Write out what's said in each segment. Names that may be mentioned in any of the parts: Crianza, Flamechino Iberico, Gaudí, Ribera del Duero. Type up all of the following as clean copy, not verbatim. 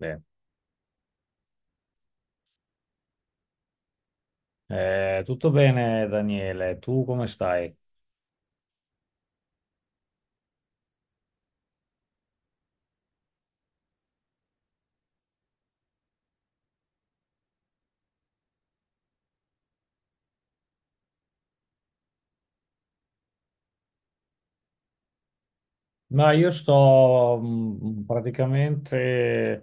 Bene. Tutto bene, Daniele, tu come stai? Ma io sto praticamente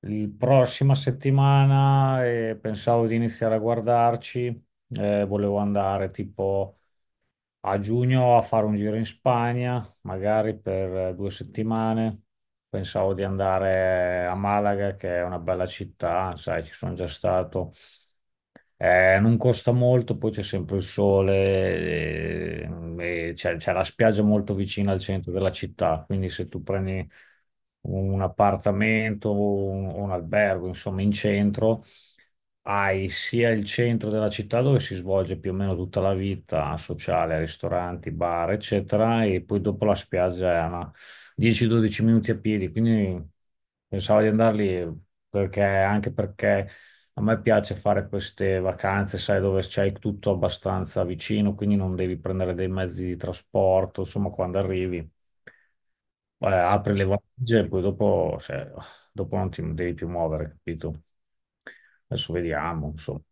la prossima settimana e pensavo di iniziare a guardarci. Volevo andare tipo a giugno a fare un giro in Spagna, magari per due settimane. Pensavo di andare a Malaga, che è una bella città, sai, ci sono già stato. Non costa molto, poi c'è sempre il sole, e c'è la spiaggia molto vicina al centro della città, quindi se tu prendi un appartamento o un albergo, insomma, in centro, hai sia il centro della città dove si svolge più o meno tutta la vita sociale, ristoranti, bar, eccetera, e poi dopo la spiaggia è una 10-12 minuti a piedi, quindi pensavo di andarli perché, anche perché a me piace fare queste vacanze, sai, dove c'hai tutto abbastanza vicino, quindi non devi prendere dei mezzi di trasporto, insomma, quando arrivi, apri le valigie e poi dopo, cioè, dopo non ti devi più muovere, capito? Adesso vediamo, insomma.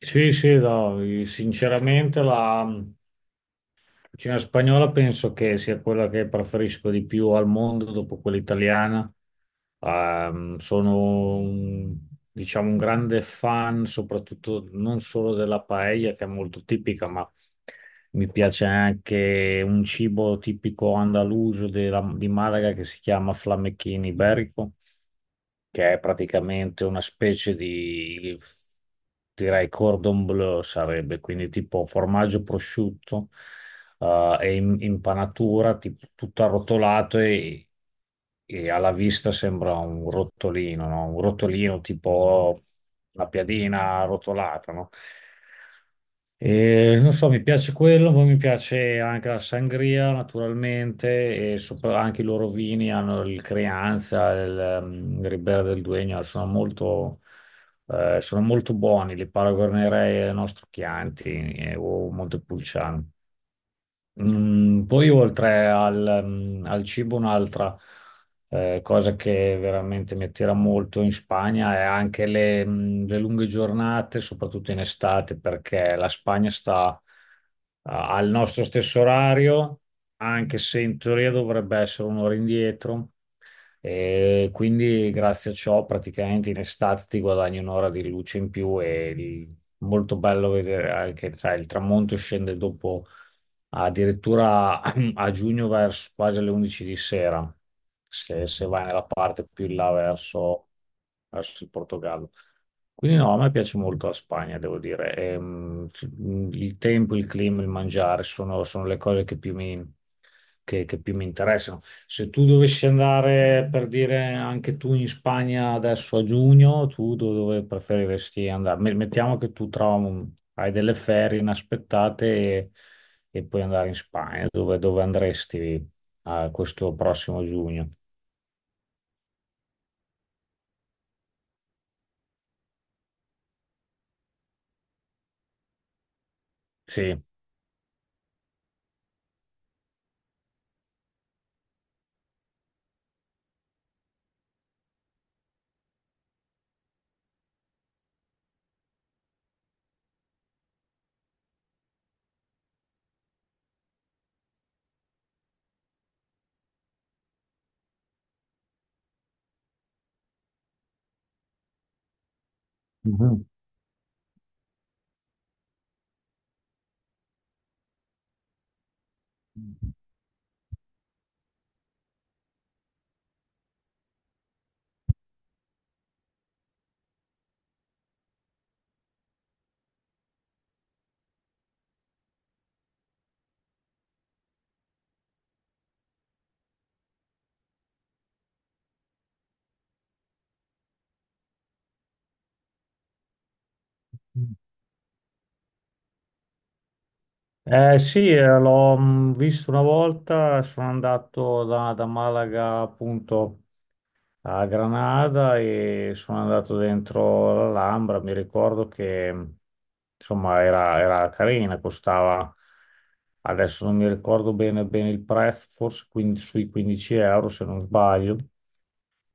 Sì, sì, no, sinceramente la cucina spagnola penso che sia quella che preferisco di più al mondo dopo quella italiana. Ehm, sono un- diciamo un grande fan, soprattutto non solo della paella che è molto tipica, ma mi piace anche un cibo tipico andaluso di Malaga che si chiama flamechino iberico, che è praticamente una specie di, direi, cordon bleu sarebbe, quindi tipo formaggio prosciutto, è in impanatura, tipo, tutto arrotolato, e alla vista sembra un rotolino, no? Un rotolino tipo una piadina arrotolata, no? E non so, mi piace quello, poi mi piace anche la sangria naturalmente e sopra- anche i loro vini hanno il Crianza, il Ribera del Duegno, sono molto buoni, li paragonerei al nostro Chianti o Montepulciano. Poi oltre al cibo, un'altra cosa che veramente mi attira molto in Spagna è anche le lunghe giornate, soprattutto in estate, perché la Spagna sta al nostro stesso orario, anche se in teoria dovrebbe essere un'ora indietro. E quindi grazie a ciò praticamente in estate ti guadagni un'ora di luce in più e di- molto bello vedere anche tra il tramonto scende dopo addirittura a giugno verso quasi alle 11 di sera, se, se vai nella parte più in là verso verso il Portogallo. Quindi no, a me piace molto la Spagna, devo dire. Il tempo, il clima, il mangiare sono le cose che più mi, che più mi interessano. Se tu dovessi andare, per dire, anche tu in Spagna adesso a giugno, dove preferiresti andare? Me- mettiamo che tu trovi, hai delle ferie inaspettate e puoi andare in Spagna. Dove andresti a questo prossimo giugno? Sì. Mhm. Eh sì, l'ho visto una volta, sono andato da Malaga appunto a Granada e sono andato dentro l'Alhambra, mi ricordo che insomma era carina, costava, adesso non mi ricordo bene il prezzo, forse sui 15 euro se non sbaglio,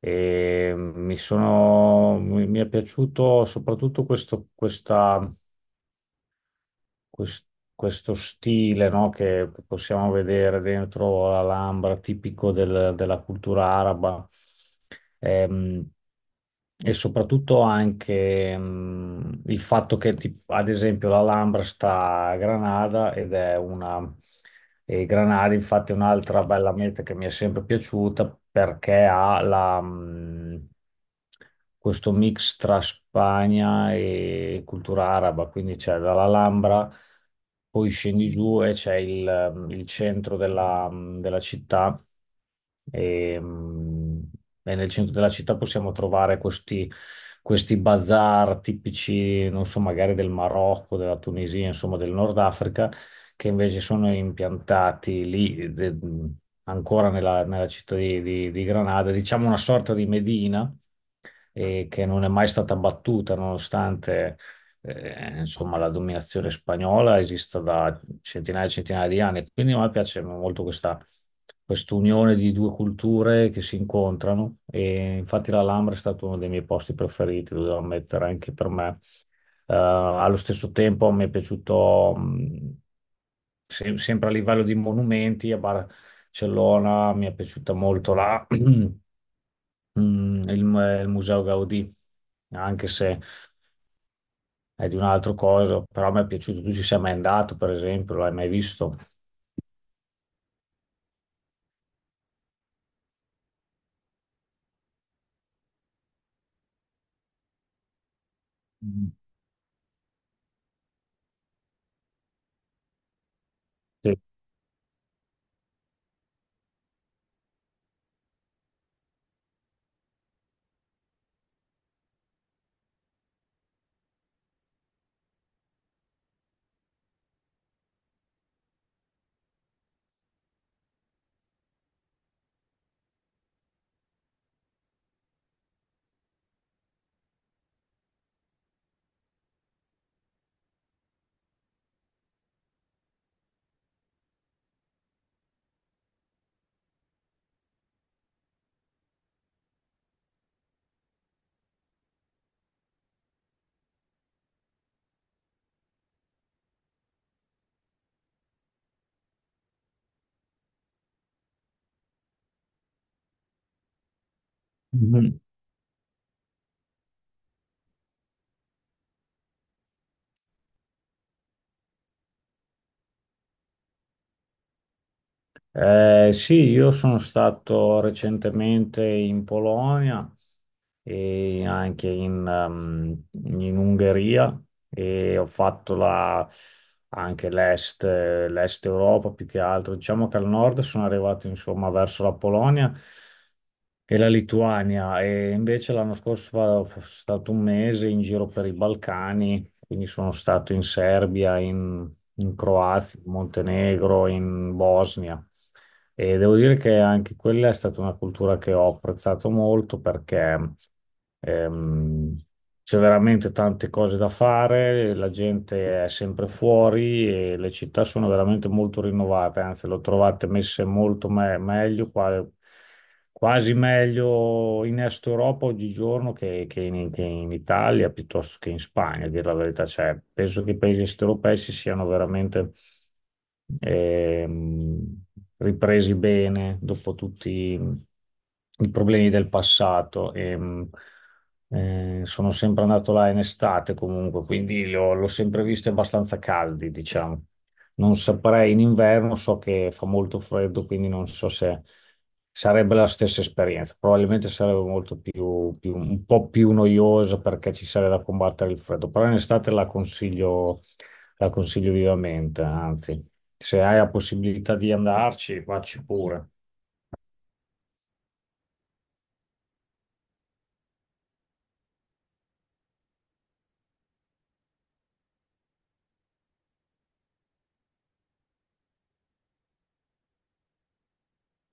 e mi è piaciuto soprattutto quest- questo stile, no, che possiamo vedere dentro l'Alhambra, tipico della cultura araba. Ehm, e soprattutto anche il fatto che, ad esempio, l'Alhambra sta a Granada ed è una. E Granari, infatti, è un'altra bella meta che mi è sempre piaciuta perché ha questo mix tra Spagna e cultura araba, quindi c'è dall'Alhambra, poi scendi giù e c'è il centro della città e, mh, e nel centro della città possiamo trovare questi bazar tipici, non so, magari del Marocco, della Tunisia, insomma del Nord Africa, che invece sono impiantati lì, ancora nella città di Granada, diciamo una sorta di Medina, che non è mai stata battuta nonostante, insomma, la dominazione spagnola esista da centinaia e centinaia di anni. Quindi a me piace molto questa quest'unione di due culture che si incontrano e infatti l'Alhambra è stato uno dei miei posti preferiti, lo devo ammettere anche per me. Allo stesso tempo mi è piaciuto sempre a livello di monumenti, a Barcellona mi è piaciuta molto là, mm, il, il Museo Gaudì, anche se è di un'altra cosa, però mi è piaciuto. Tu ci sei mai andato, per esempio, l'hai mai visto? Mm. Sì. Mhm. Sì, io sono stato recentemente in Polonia e anche in Ungheria e anche l'est, l'est Europa più che altro. Diciamo che al nord sono arrivato insomma verso la Polonia e la Lituania e invece l'anno scorso sono stato un mese in giro per i Balcani, quindi sono stato in Serbia, in Croazia, in Montenegro, in Bosnia. E devo dire che anche quella è stata una cultura che ho apprezzato molto perché Ehm, c'è veramente tante cose da fare, la gente è sempre fuori e le città sono veramente molto rinnovate, anzi, le ho trovate messe molto meglio quasi meglio in Est Europa oggigiorno che in Italia piuttosto che in Spagna, a dire la verità. Cioè, penso che i paesi est europei si siano veramente ehm, ripresi bene dopo tutti i problemi del passato. Sono sempre andato là in estate comunque, quindi l'ho sempre visto abbastanza caldi, diciamo. Non saprei in inverno, so che fa molto freddo, quindi non so se sarebbe la stessa esperienza. Probabilmente sarebbe molto un po' più noiosa perché ci sarebbe da combattere il freddo, però in estate la consiglio vivamente, anzi, se hai la possibilità di andarci, vacci pure.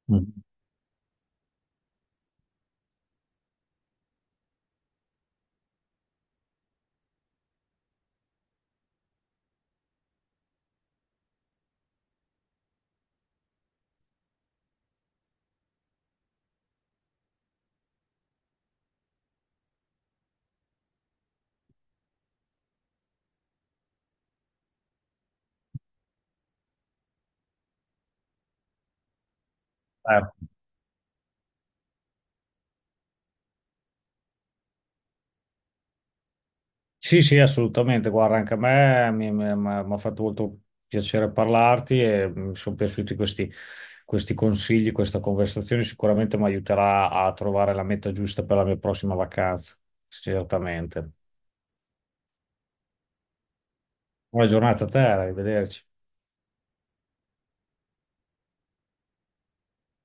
Mm. Eh. Sì, sì, assolutamente. Guarda, anche a me mi ha fatto molto piacere parlarti e mi sono piaciuti questi consigli, questa conversazione. Sicuramente mi aiuterà a trovare la meta giusta per la mia prossima vacanza. Certamente. Buona giornata a te, arrivederci.